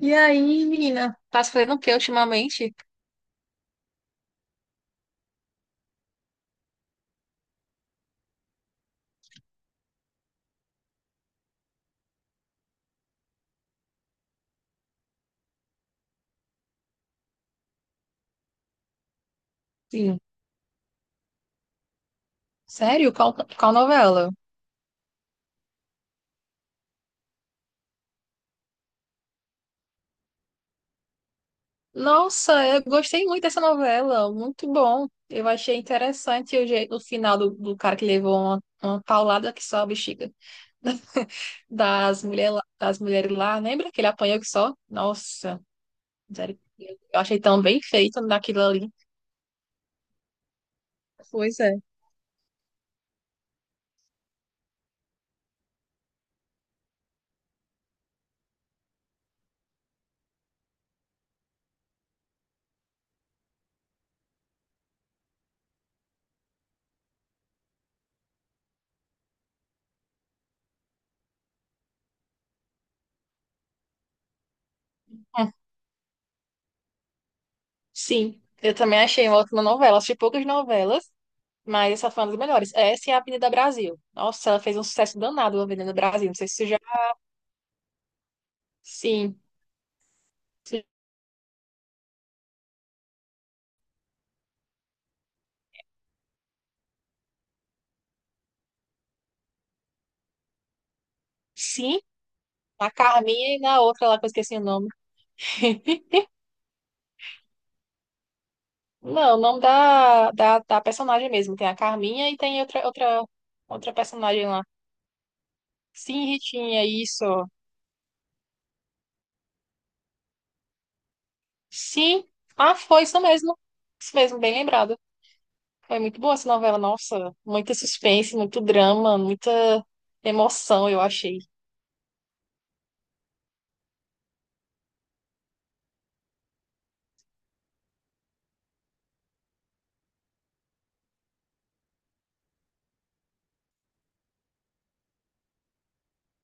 E aí, menina? Tá se fazendo o que ultimamente? Sim. Sério? Qual novela? Nossa, eu gostei muito dessa novela. Muito bom. Eu achei interessante o, jeito, o final do cara que levou uma paulada que só a bexiga. Das, mulher, lá- das mulheres lá. Lembra que ele apanhou que só? Nossa, misericórdia. Eu achei tão bem feito naquilo ali. Pois é. Hum, Sim, eu também achei uma ótima novela. Assisti poucas novelas. Mas essa foi uma das melhores. Essa é a Avenida Brasil. Nossa, ela fez um sucesso danado, a Avenida Brasil. Não sei se você já. Sim. Sim, a Carminha e na outra lá que eu esqueci o nome. Não, o nome da personagem mesmo. Tem a Carminha e tem outra personagem lá. Sim, Ritinha, isso. Sim. Ah, foi isso mesmo. Isso mesmo, bem lembrado. Foi muito boa essa novela, nossa. Muita suspense, muito drama, muita emoção, eu achei.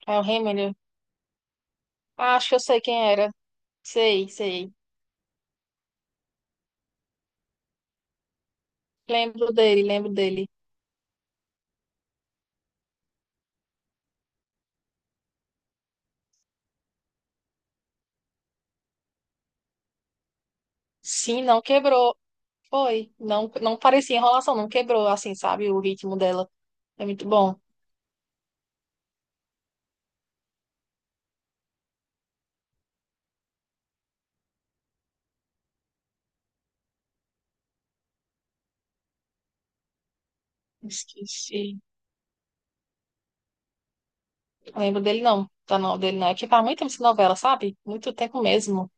É o Remember. Ah, acho que eu sei quem era. Sei, sei. Lembro dele, lembro dele. Sim, não quebrou. Foi. Não, não parecia enrolação, não quebrou, assim, sabe? O ritmo dela. É muito bom. Esqueci. Lembro dele, não. Tá, não, dele não. É que faz muito tempo essa novela, sabe? Muito tempo mesmo.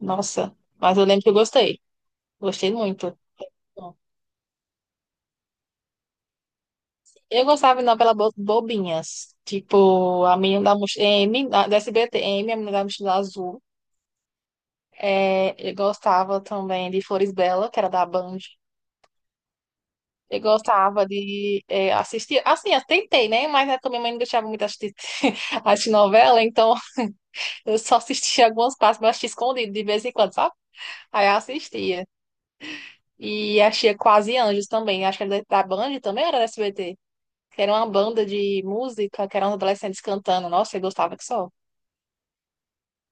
Nossa. Mas eu lembro que eu gostei. Gostei muito. Eu gostava de novela bobinhas. Tipo, A Menina da Mochila... M, da SBT, M, A Menina da Mochila Azul. É, eu gostava também de Flores Bela, que era da Band. Eu gostava de assistir. Assim, eu tentei, né? Mas né, também minha mãe não deixava muito assistir, assistir novela, então eu só assistia algumas partes, mas assistia escondido de vez em quando, sabe? Aí eu assistia. E achei Quase Anjos também. Acho que era da Band também, ou era da SBT. Que era uma banda de música, que eram os adolescentes cantando. Nossa, eu gostava que só.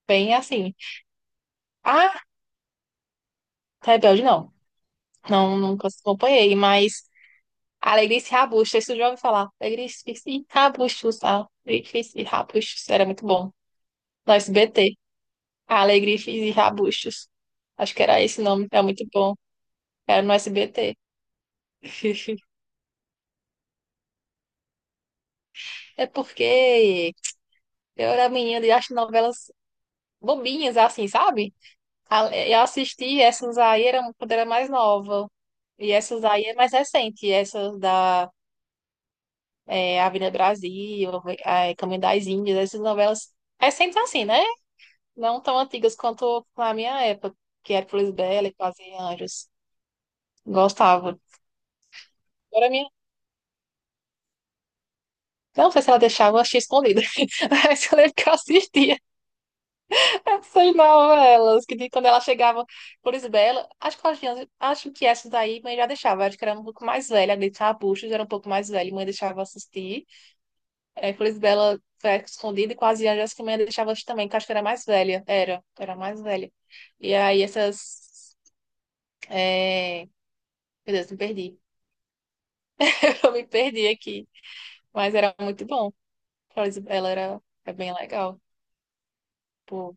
Bem assim. Ah, Rebelde não. Não, nunca acompanhei, mas Alegria e Rabuxa, isso eu já ouvi falar. Alegria e Rabuxa, era muito bom. No SBT. A Alegria e Rabustos. Acho que era esse nome, é muito bom. Era no SBT. É porque eu era menina e acho novelas bobinhas, assim, sabe? A- Eu assisti essas aí eram quando era mais nova. E essas aí é mais recente. Essas da Avenida Brasil, Caminho das Índias, essas novelas recentes assim, né? Não tão antigas quanto na minha época, que era Flores Bela e Quase Anjos. Gostava. Agora não sei se ela deixava, eu achei escondida. Mas eu lembro que eu assistia essas novelas, que de- quando ela chegava, por Isabela, acho que, elas tinham- acho que essas daí mãe já deixava, acho que era um pouco mais velha, a Gretchen Arbustos era um pouco mais velha, e mãe deixava assistir. É, por Isabela foi escondida e quase anjos que mãe deixava assistir também, que acho que era mais velha, era mais velha. E aí essas... é, Meu Deus, me perdi. Eu me perdi aqui, mas era muito bom. Flor Isabela era, é bem legal. Pô,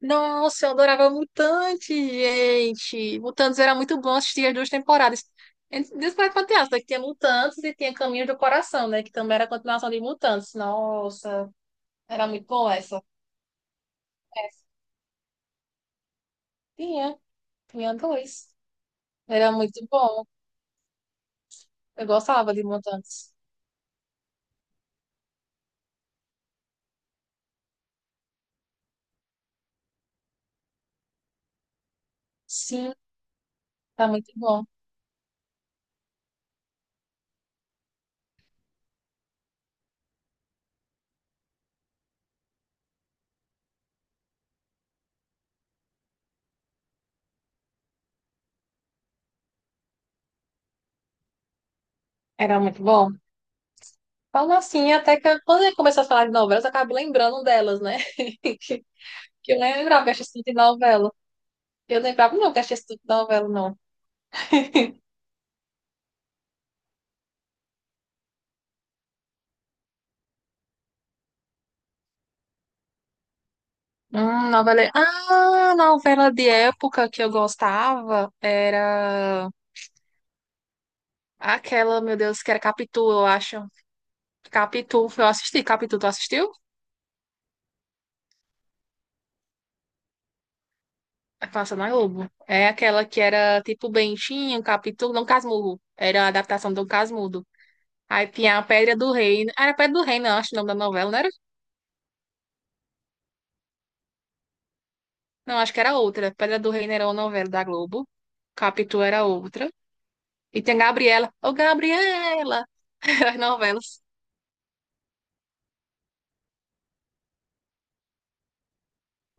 nossa, eu adorava Mutantes, gente. Mutantes era muito bom assistir as duas temporadas. Despertar Fantasma, que tinha Mutantes e tinha Caminho do Coração, né? Que também era a continuação de Mutantes. Nossa, era muito bom essa. Essa tinha, tinha dois. Era muito bom. Eu gostava de Mutantes. Sim, tá muito bom. Era muito bom. Falando assim, até que eu- quando eu começou a falar de novelas, eu acabo lembrando delas, né? Que eu lembrava que eu assistia de novela. Eu lembrava, não, que eu assistia de novela, não. Novela... Ah, novela de época que eu gostava era aquela, meu Deus, que era Capitu, eu acho. Capitu, eu assisti. Capitu, tu assistiu? É que Passa na Globo. É aquela que era tipo Bentinho, Capitu, não Casmurro. Era a adaptação do Casmudo. Aí tinha a Pedra do Reino. Ah, era Pedra do Reino, eu acho o nome da novela, não era? Não, acho que era outra. Pedra do Reino era uma novela da Globo. Capitu era outra. E tem a Gabriela. Ô, Gabriela! As novelas.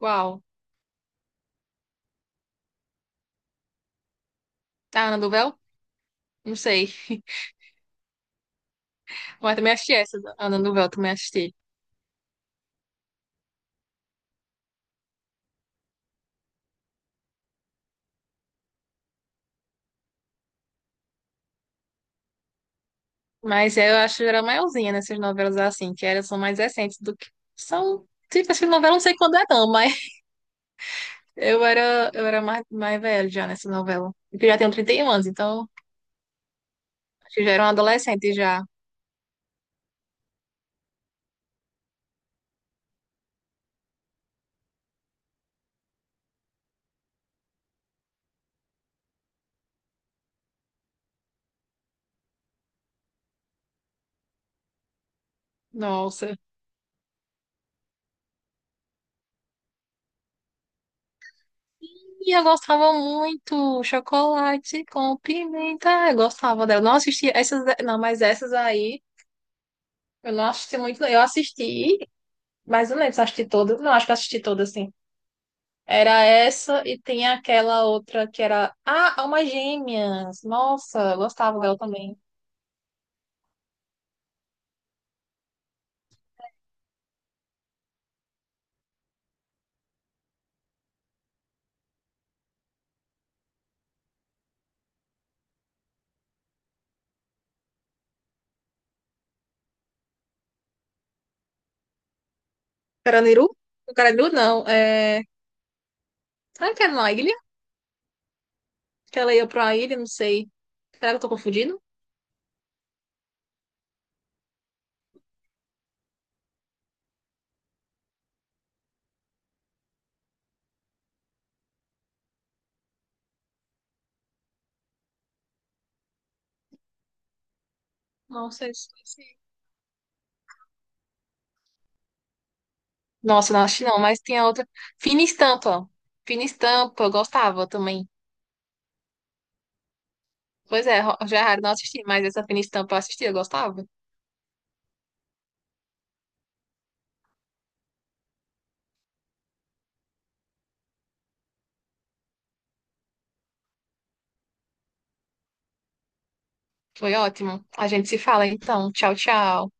Uau. Tá, Ana do... Não sei. Mas também assisti essa Ana do Véu, também assisti. Mas é, eu acho que era maiorzinha nessas novelas assim, que elas são mais recentes do que são. Tipo, essa novela eu não sei quando é não, mas eu era mais velha já nessa novela. Porque eu já tenho 31 anos, então acho que já era um adolescente já. Nossa. E eu gostava muito. Chocolate com pimenta. Eu gostava dela. Não assisti essas, não, mas essas aí eu não assisti muito. Não. Eu assisti, mas eu não lembro se eu assisti todas. Não, acho que eu assisti todas, era essa e tem aquela outra que era. Ah, Almas Gêmeas! Nossa, eu gostava dela também. Carandiru? O Carandiru não. É... Será que era na ilha? Que ela ia pra uma ilha, não sei. Será que eu tô confundindo? Não sei. Se- nossa, não acho que não, mas tem a outra. Fina Estampa. Fina Estampa, eu gostava também. Pois é, Ro- já é raro não assisti, mas essa Fina Estampa eu assisti, eu gostava. Foi ótimo. A gente se fala então. Tchau, tchau.